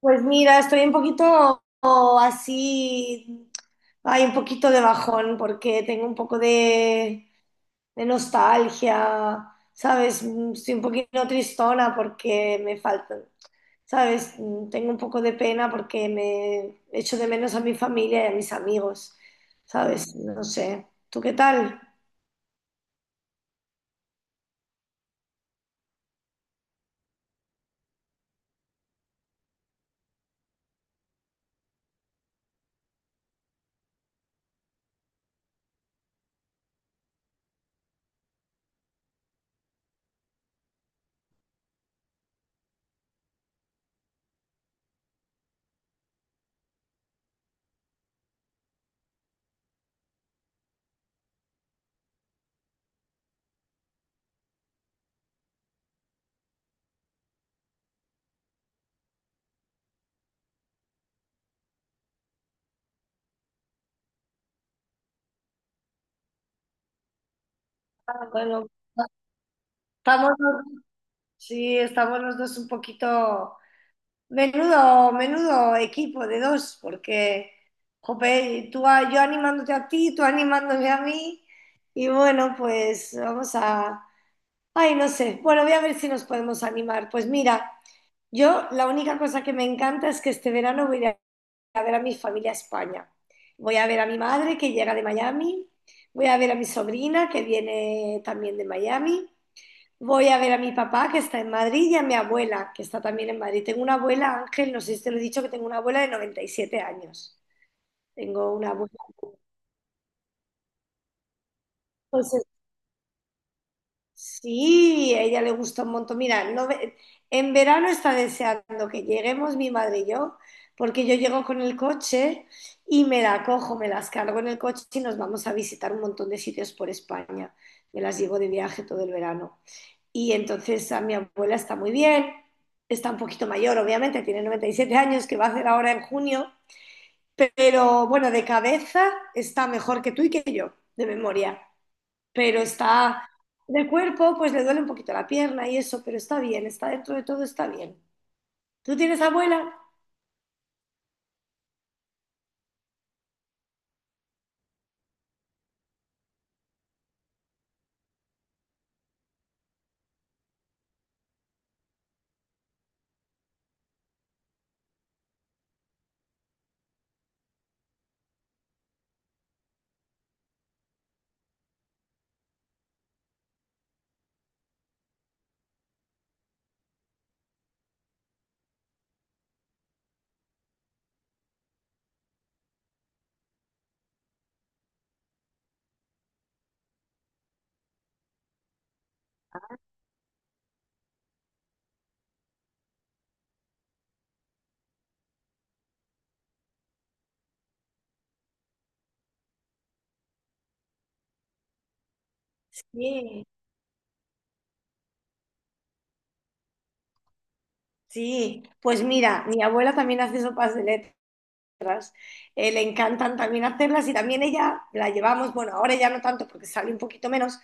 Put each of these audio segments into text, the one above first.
Pues mira, estoy un poquito así, hay un poquito de bajón porque tengo un poco de nostalgia, ¿sabes? Mm, Estoy un poquito tristona porque me faltan, ¿sabes? Mm, Tengo un poco de pena porque me echo de menos a mi familia y a mis amigos, ¿sabes? No sé. ¿Tú qué tal? Ah, bueno, estamos los- sí, estamos los dos un poquito. Menudo equipo de dos, porque jope, yo animándote a ti, tú animándome a mí, y bueno, pues vamos a. Ay, no sé, bueno, voy a ver si nos podemos animar. Pues mira, yo la única cosa que me encanta es que este verano voy a ir a ver a mi familia a España. Voy a ver a mi madre que llega de Miami, voy a ver a mi sobrina que viene también de Miami. Voy a ver a mi papá que está en Madrid y a mi abuela que está también en Madrid. Tengo una abuela, Ángel, no sé si te lo he dicho, que tengo una abuela de 97 años. Tengo una abuela. Entonces, sí, a ella le gusta un montón. Mira, no ve- en verano está deseando que lleguemos mi madre y yo, porque yo llego con el coche y me la cojo, me las cargo en el coche y nos vamos a visitar un montón de sitios por España. Me las llevo de viaje todo el verano. Y entonces a mi abuela está muy bien, está un poquito mayor, obviamente, tiene 97 años, que va a hacer ahora en junio, pero bueno, de cabeza está mejor que tú y que yo, de memoria, pero está de cuerpo, pues le duele un poquito la pierna y eso, pero está bien, está dentro de todo, está bien. ¿Tú tienes abuela? Sí. Sí, pues mira, mi abuela también hace sopas de letras. Le encantan también hacerlas y también ella la llevamos, bueno, ahora ya no tanto porque sale un poquito menos,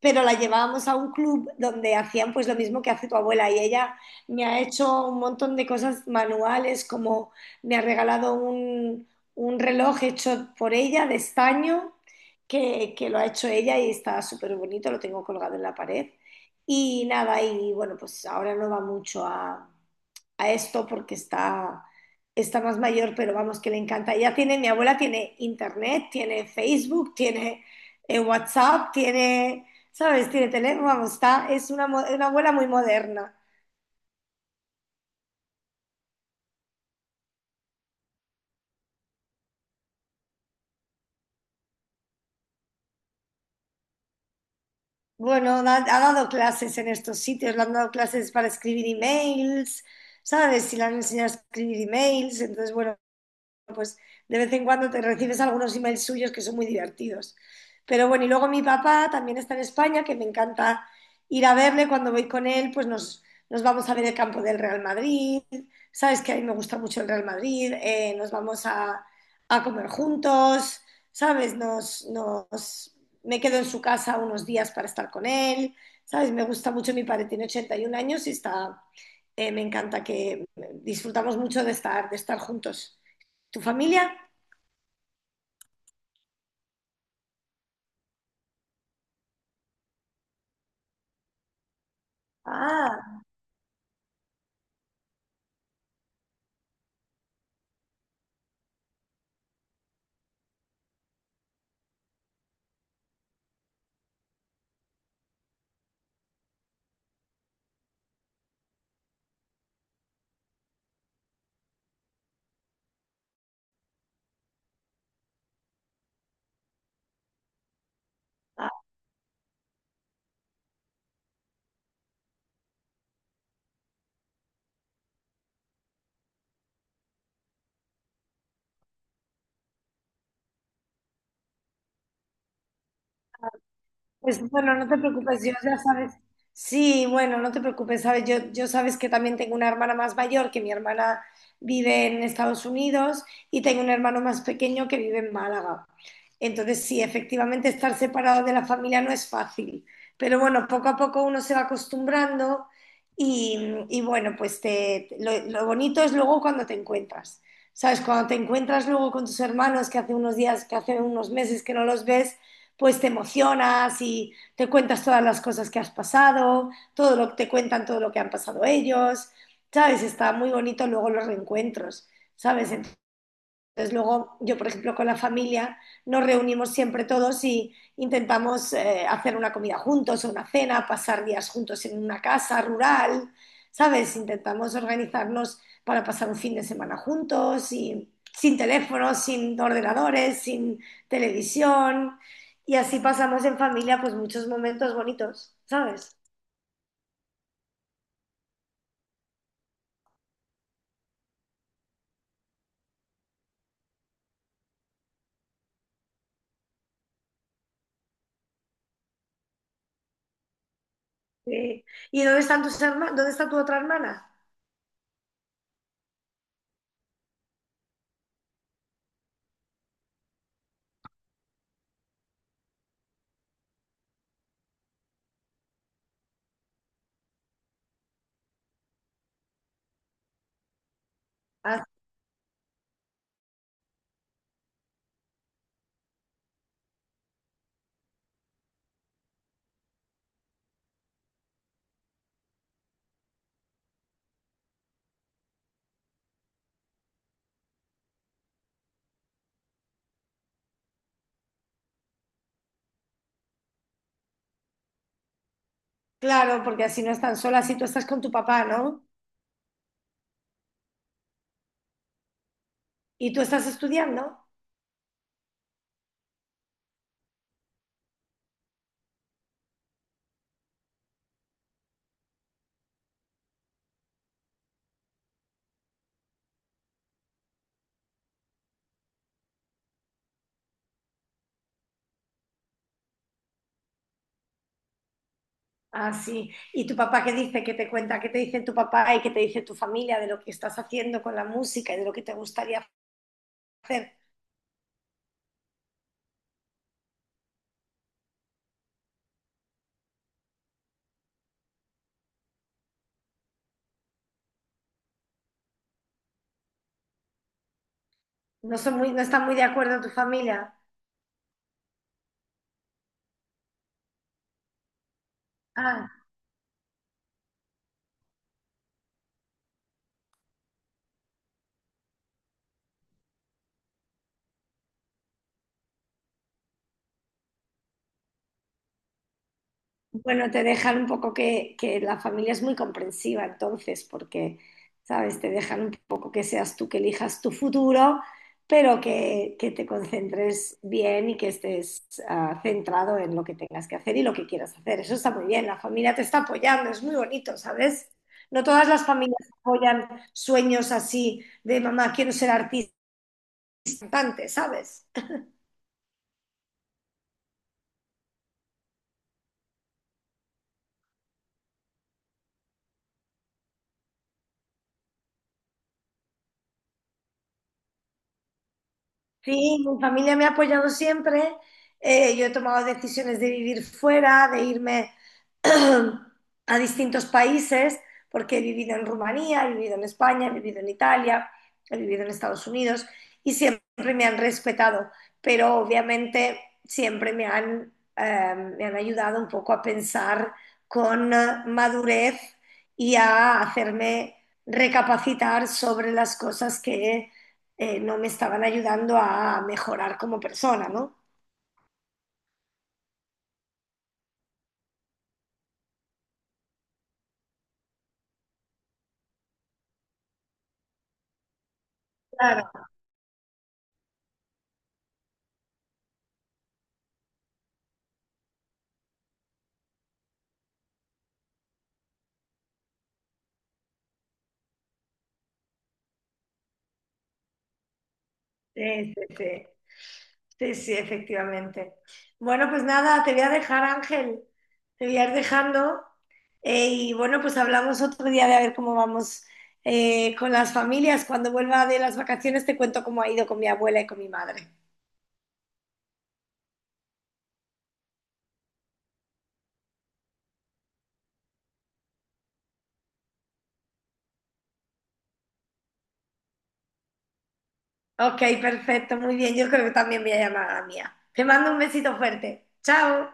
pero la llevábamos a un club donde hacían pues lo mismo que hace tu abuela y ella me ha hecho un montón de cosas manuales, como me ha regalado un reloj hecho por ella de estaño que lo ha hecho ella y está súper bonito, lo tengo colgado en la pared. Y nada, y bueno, pues ahora no va mucho a esto porque está más mayor, pero vamos, que le encanta. Ella tiene, mi abuela tiene internet, tiene Facebook, tiene WhatsApp, tiene, ¿sabes? Tiene teléfono, vamos, es una abuela muy moderna. Bueno, ha dado clases en estos sitios, le han dado clases para escribir emails, ¿sabes? Y le han enseñado a escribir emails, entonces, bueno, pues de vez en cuando te recibes algunos emails suyos que son muy divertidos. Pero bueno, y luego mi papá también está en España, que me encanta ir a verle. Cuando voy con él, pues nos vamos a ver el campo del Real Madrid. Sabes que a mí me gusta mucho el Real Madrid. Nos vamos a comer juntos, ¿sabes? Me quedo en su casa unos días para estar con él. ¿Sabes? Me gusta mucho mi padre, tiene 81 años y está, me encanta que disfrutamos mucho de de estar juntos. ¿Tu familia? Ah, pues bueno, no te preocupes, yo ya sabes. Sí, bueno, no te preocupes, sabes, yo sabes que también tengo una hermana más mayor, que mi hermana vive en Estados Unidos, y tengo un hermano más pequeño que vive en Málaga. Entonces, sí, efectivamente estar separado de la familia no es fácil, pero bueno, poco a poco uno se va acostumbrando y, y bueno, lo bonito es luego cuando te encuentras. ¿Sabes? Cuando te encuentras luego con tus hermanos que hace unos días, que hace unos meses que no los ves pues te emocionas y te cuentas todas las cosas que has pasado, todo lo que te cuentan, todo lo que han pasado ellos, ¿sabes? Está muy bonito luego los reencuentros, ¿sabes? Entonces luego yo, por ejemplo, con la familia nos reunimos siempre todos y intentamos hacer una comida juntos o una cena, pasar días juntos en una casa rural, ¿sabes? Intentamos organizarnos para pasar un fin de semana juntos y sin teléfonos, sin ordenadores, sin televisión y así pasamos en familia pues muchos momentos bonitos, ¿sabes? Sí. ¿Y dónde están tus herma- ¿Dónde está tu otra hermana? Ah, claro, porque así no están solas y tú estás con tu papá, ¿no? ¿Y tú estás estudiando? Ah, sí. ¿Y tu papá qué dice? ¿Qué te cuenta? ¿Qué te dice tu papá y qué te dice tu familia de lo que estás haciendo con la música y de lo que te gustaría hacer? No están muy de acuerdo tu familia? Ah, bueno, te dejan un poco que la familia es muy comprensiva entonces, porque, ¿sabes? Te dejan un poco que seas tú que elijas tu futuro, pero que te concentres bien y que estés ah, centrado en lo que tengas que hacer y lo que quieras hacer. Eso está muy bien, la familia te está apoyando, es muy bonito, ¿sabes? No todas las familias apoyan sueños así de mamá, quiero ser artista, cantante", ¿sabes? Sí, mi familia me ha apoyado siempre. Yo he tomado decisiones de vivir fuera, de irme a distintos países, porque he vivido en Rumanía, he vivido en España, he vivido en Italia, he vivido en Estados Unidos y siempre me han respetado, pero obviamente siempre me han ayudado un poco a pensar con madurez y a hacerme recapacitar sobre las cosas que no me estaban ayudando a mejorar como persona, ¿no? Claro. Sí, sí, sí, sí, efectivamente. Bueno, pues nada, te voy a dejar, Ángel, te voy a ir dejando. Y bueno, pues hablamos otro día de a ver cómo vamos con las familias. Cuando vuelva de las vacaciones te cuento cómo ha ido con mi abuela y con mi madre. Ok, perfecto, muy bien. Yo creo que también voy a llamar a la mía. Te mando un besito fuerte. Chao.